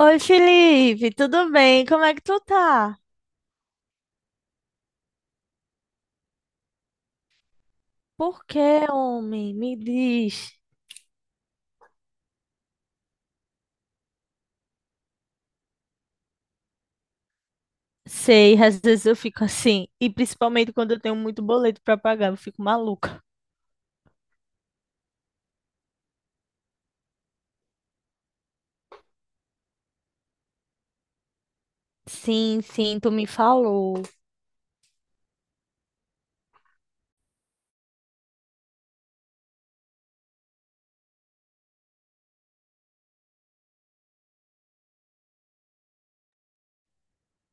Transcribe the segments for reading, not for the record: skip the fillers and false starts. Oi, Felipe, tudo bem? Como é que tu tá? Por que, homem? Me diz. Sei, às vezes eu fico assim, e principalmente quando eu tenho muito boleto pra pagar, eu fico maluca. Sim, sim, tu me falou.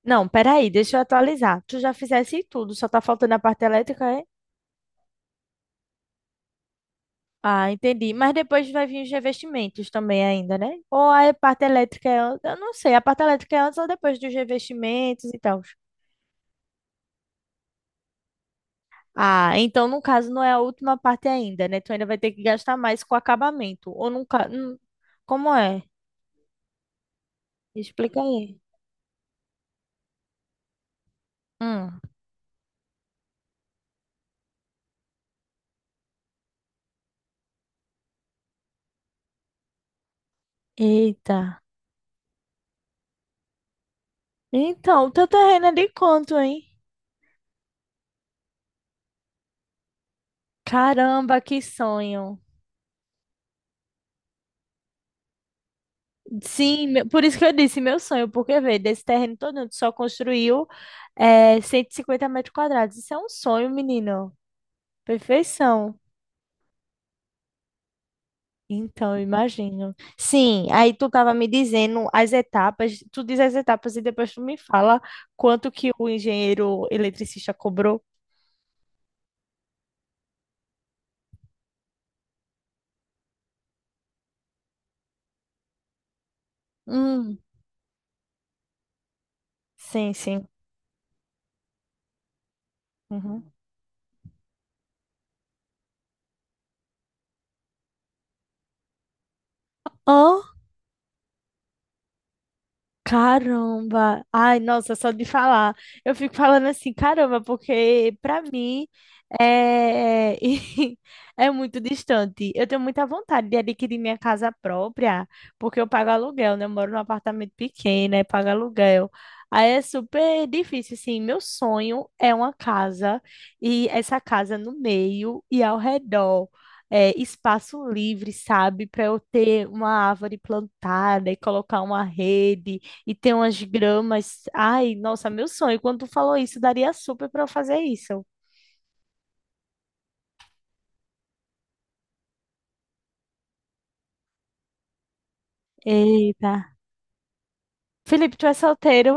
Não, peraí, deixa eu atualizar. Tu já fizesse tudo, só tá faltando a parte elétrica, é? Ah, entendi. Mas depois vai vir os revestimentos também ainda, né? Ou a parte elétrica é... Eu não sei, a parte elétrica é antes ou depois dos revestimentos e tal. Ah, então no caso não é a última parte ainda, né? Tu ainda vai ter que gastar mais com acabamento. Ou nunca. Hum? Como é? Explica aí. Hum. Eita. Então, o teu terreno é de quanto, hein? Caramba, que sonho. Sim, por isso que eu disse meu sonho, porque, vê, desse terreno todo, tu só construiu 150 metros quadrados. Isso é um sonho, menino. Perfeição. Então, eu imagino. Sim, aí tu estava me dizendo as etapas, tu diz as etapas e depois tu me fala quanto que o engenheiro eletricista cobrou. Hum. Sim, sim. Uhum. Caramba! Ai, nossa, só de falar. Eu fico falando assim, caramba, porque pra mim é, é muito distante. Eu tenho muita vontade de adquirir minha casa própria, porque eu pago aluguel, né? Eu moro num apartamento pequeno, aí pago aluguel. Aí é super difícil, assim. Meu sonho é uma casa e essa casa no meio e ao redor. Espaço livre, sabe? Para eu ter uma árvore plantada e colocar uma rede e tem umas gramas. Ai, nossa, meu sonho. Quando tu falou isso, daria super pra eu fazer isso. Eita. Felipe, tu é solteiro?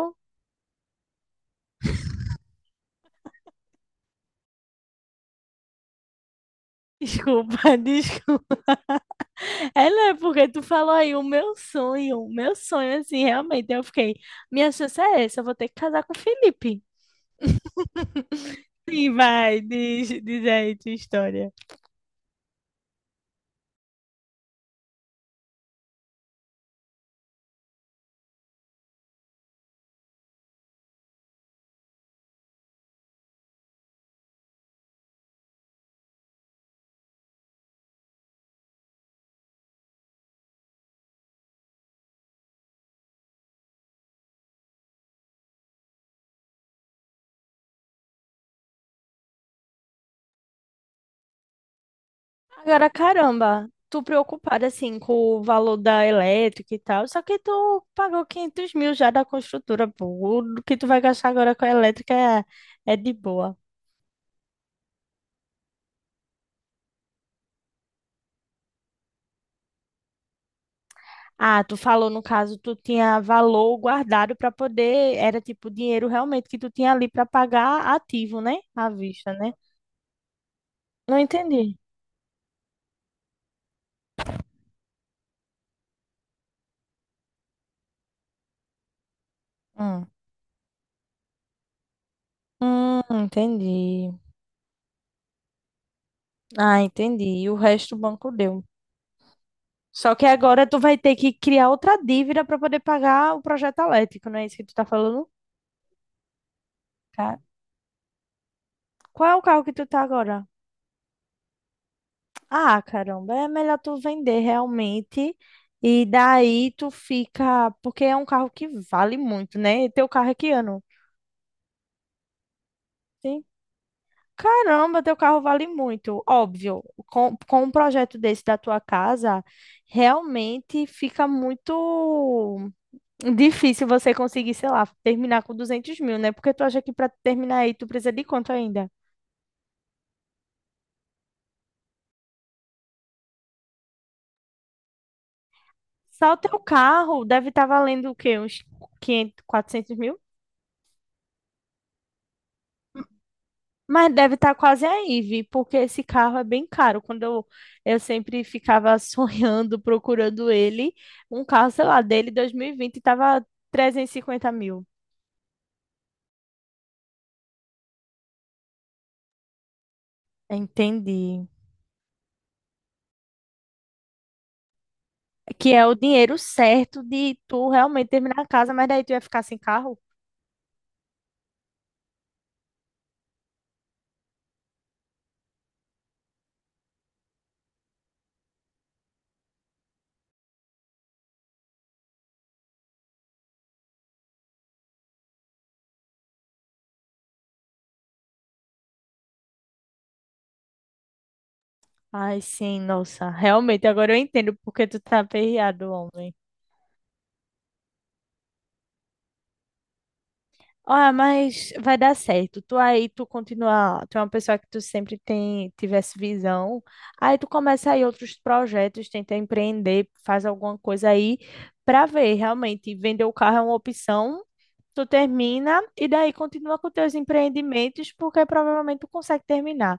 Desculpa, desculpa. É, né? Porque tu falou aí o meu sonho. O meu sonho, assim, realmente. Eu fiquei, minha chance é essa, eu vou ter que casar com o Felipe. Sim, vai, diz, diz aí tua história. Agora, caramba, tu preocupada assim com o valor da elétrica e tal, só que tu pagou 500 mil já da construtora, pô. O que tu vai gastar agora com a elétrica é de boa. Ah, tu falou no caso, tu tinha valor guardado para poder, era tipo dinheiro realmente que tu tinha ali para pagar ativo, né? À vista, né? Não entendi. Hum. Entendi. Ah, entendi. E o resto o banco deu. Só que agora tu vai ter que criar outra dívida para poder pagar o projeto elétrico, não é isso que tu tá falando? Ca- Qual é o carro que tu tá agora? Ah, caramba, é melhor tu vender realmente. E daí tu fica. Porque é um carro que vale muito, né? E teu carro é que ano? Sim. Caramba, teu carro vale muito. Óbvio, com, um projeto desse da tua casa, realmente fica muito. Difícil você conseguir, sei lá, terminar com 200 mil, né? Porque tu acha que para terminar aí tu precisa de quanto ainda? Só o teu carro deve estar valendo o quê? Uns 500, 400 mil? Mas deve estar quase aí, Vi, porque esse carro é bem caro. Eu sempre ficava sonhando, procurando ele, um carro, sei lá, dele 2020 estava 350 mil. Entendi. Que é o dinheiro certo de tu realmente terminar a casa, mas daí tu ia ficar sem carro? Ai, sim, nossa, realmente, agora eu entendo porque tu tá aperreado, homem. Ah, mas vai dar certo. Tu aí, tu continua, tu é uma pessoa que tu sempre tem, tivesse visão. Aí tu começa aí outros projetos, tenta empreender, faz alguma coisa aí pra ver, realmente, vender o carro é uma opção. Tu termina e daí continua com teus empreendimentos, porque provavelmente tu consegue terminar.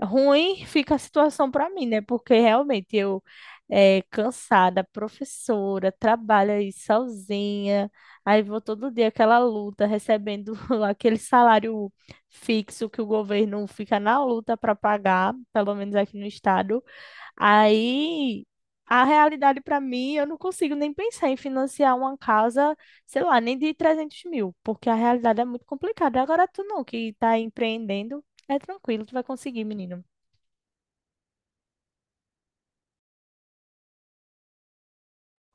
Ruim fica a situação para mim, né? Porque realmente eu cansada, professora, trabalho aí sozinha, aí vou todo dia aquela luta, recebendo aquele salário fixo que o governo fica na luta para pagar, pelo menos aqui no estado. Aí a realidade para mim, eu não consigo nem pensar em financiar uma casa, sei lá, nem de 300 mil, porque a realidade é muito complicada. Agora tu não, que tá empreendendo, é tranquilo, tu vai conseguir, menino.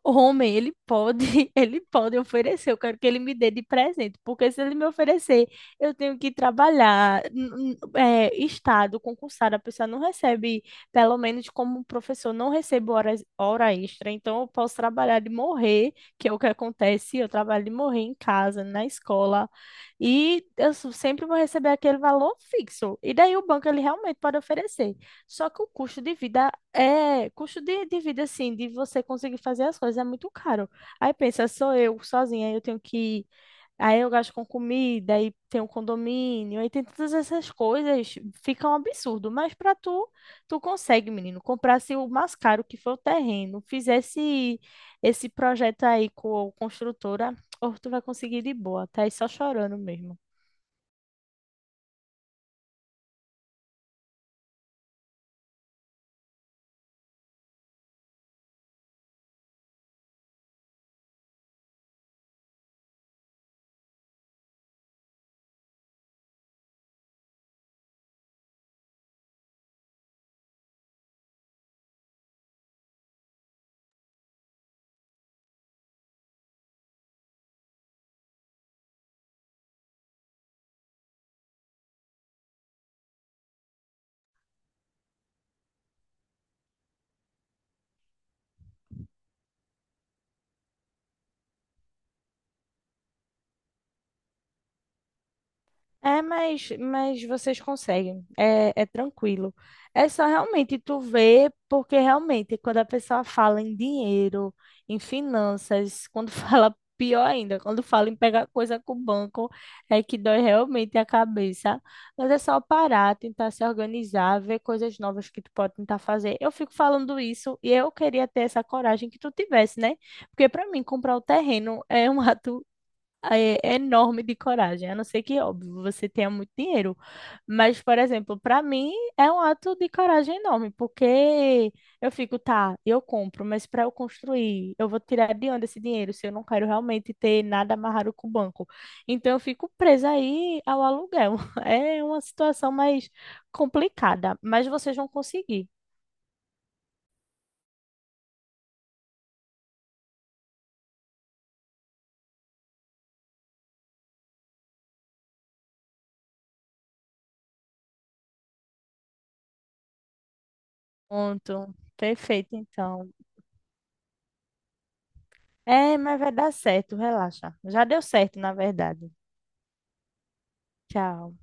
Homem, ele pode, ele pode oferecer. Eu quero que ele me dê de presente, porque se ele me oferecer, eu tenho que trabalhar. É, estado concursado, a pessoa não recebe, pelo menos como um professor, não recebo horas, hora extra. Então, eu posso trabalhar de morrer, que é o que acontece. Eu trabalho de morrer em casa, na escola, e eu sempre vou receber aquele valor fixo. E daí o banco ele realmente pode oferecer. Só que o custo de vida, custo de, vida, assim, de você conseguir fazer as coisas é muito caro. Aí pensa, sou eu sozinha, aí eu tenho que. Aí eu gasto com comida, aí tem um condomínio, aí tem todas essas coisas, fica um absurdo. Mas pra tu, tu consegue, menino, comprasse o mais caro que foi o terreno, fizesse esse projeto aí com a construtora, ou tu vai conseguir de boa, tá aí só chorando mesmo. É, mas vocês conseguem, é tranquilo. É só realmente tu ver, porque realmente quando a pessoa fala em dinheiro, em finanças, quando fala pior ainda, quando fala em pegar coisa com o banco, é que dói realmente a cabeça. Mas é só parar, tentar se organizar, ver coisas novas que tu pode tentar fazer. Eu fico falando isso e eu queria ter essa coragem que tu tivesse, né? Porque para mim comprar o terreno é um ato é enorme de coragem, a não ser que, óbvio, você tenha muito dinheiro. Mas, por exemplo, para mim é um ato de coragem enorme, porque eu fico, tá, eu compro, mas para eu construir, eu vou tirar de onde esse dinheiro se eu não quero realmente ter nada amarrado com o banco? Então, eu fico presa aí ao aluguel. É uma situação mais complicada, mas vocês vão conseguir. Pronto, perfeito, então. É, mas vai dar certo, relaxa. Já deu certo, na verdade. Tchau.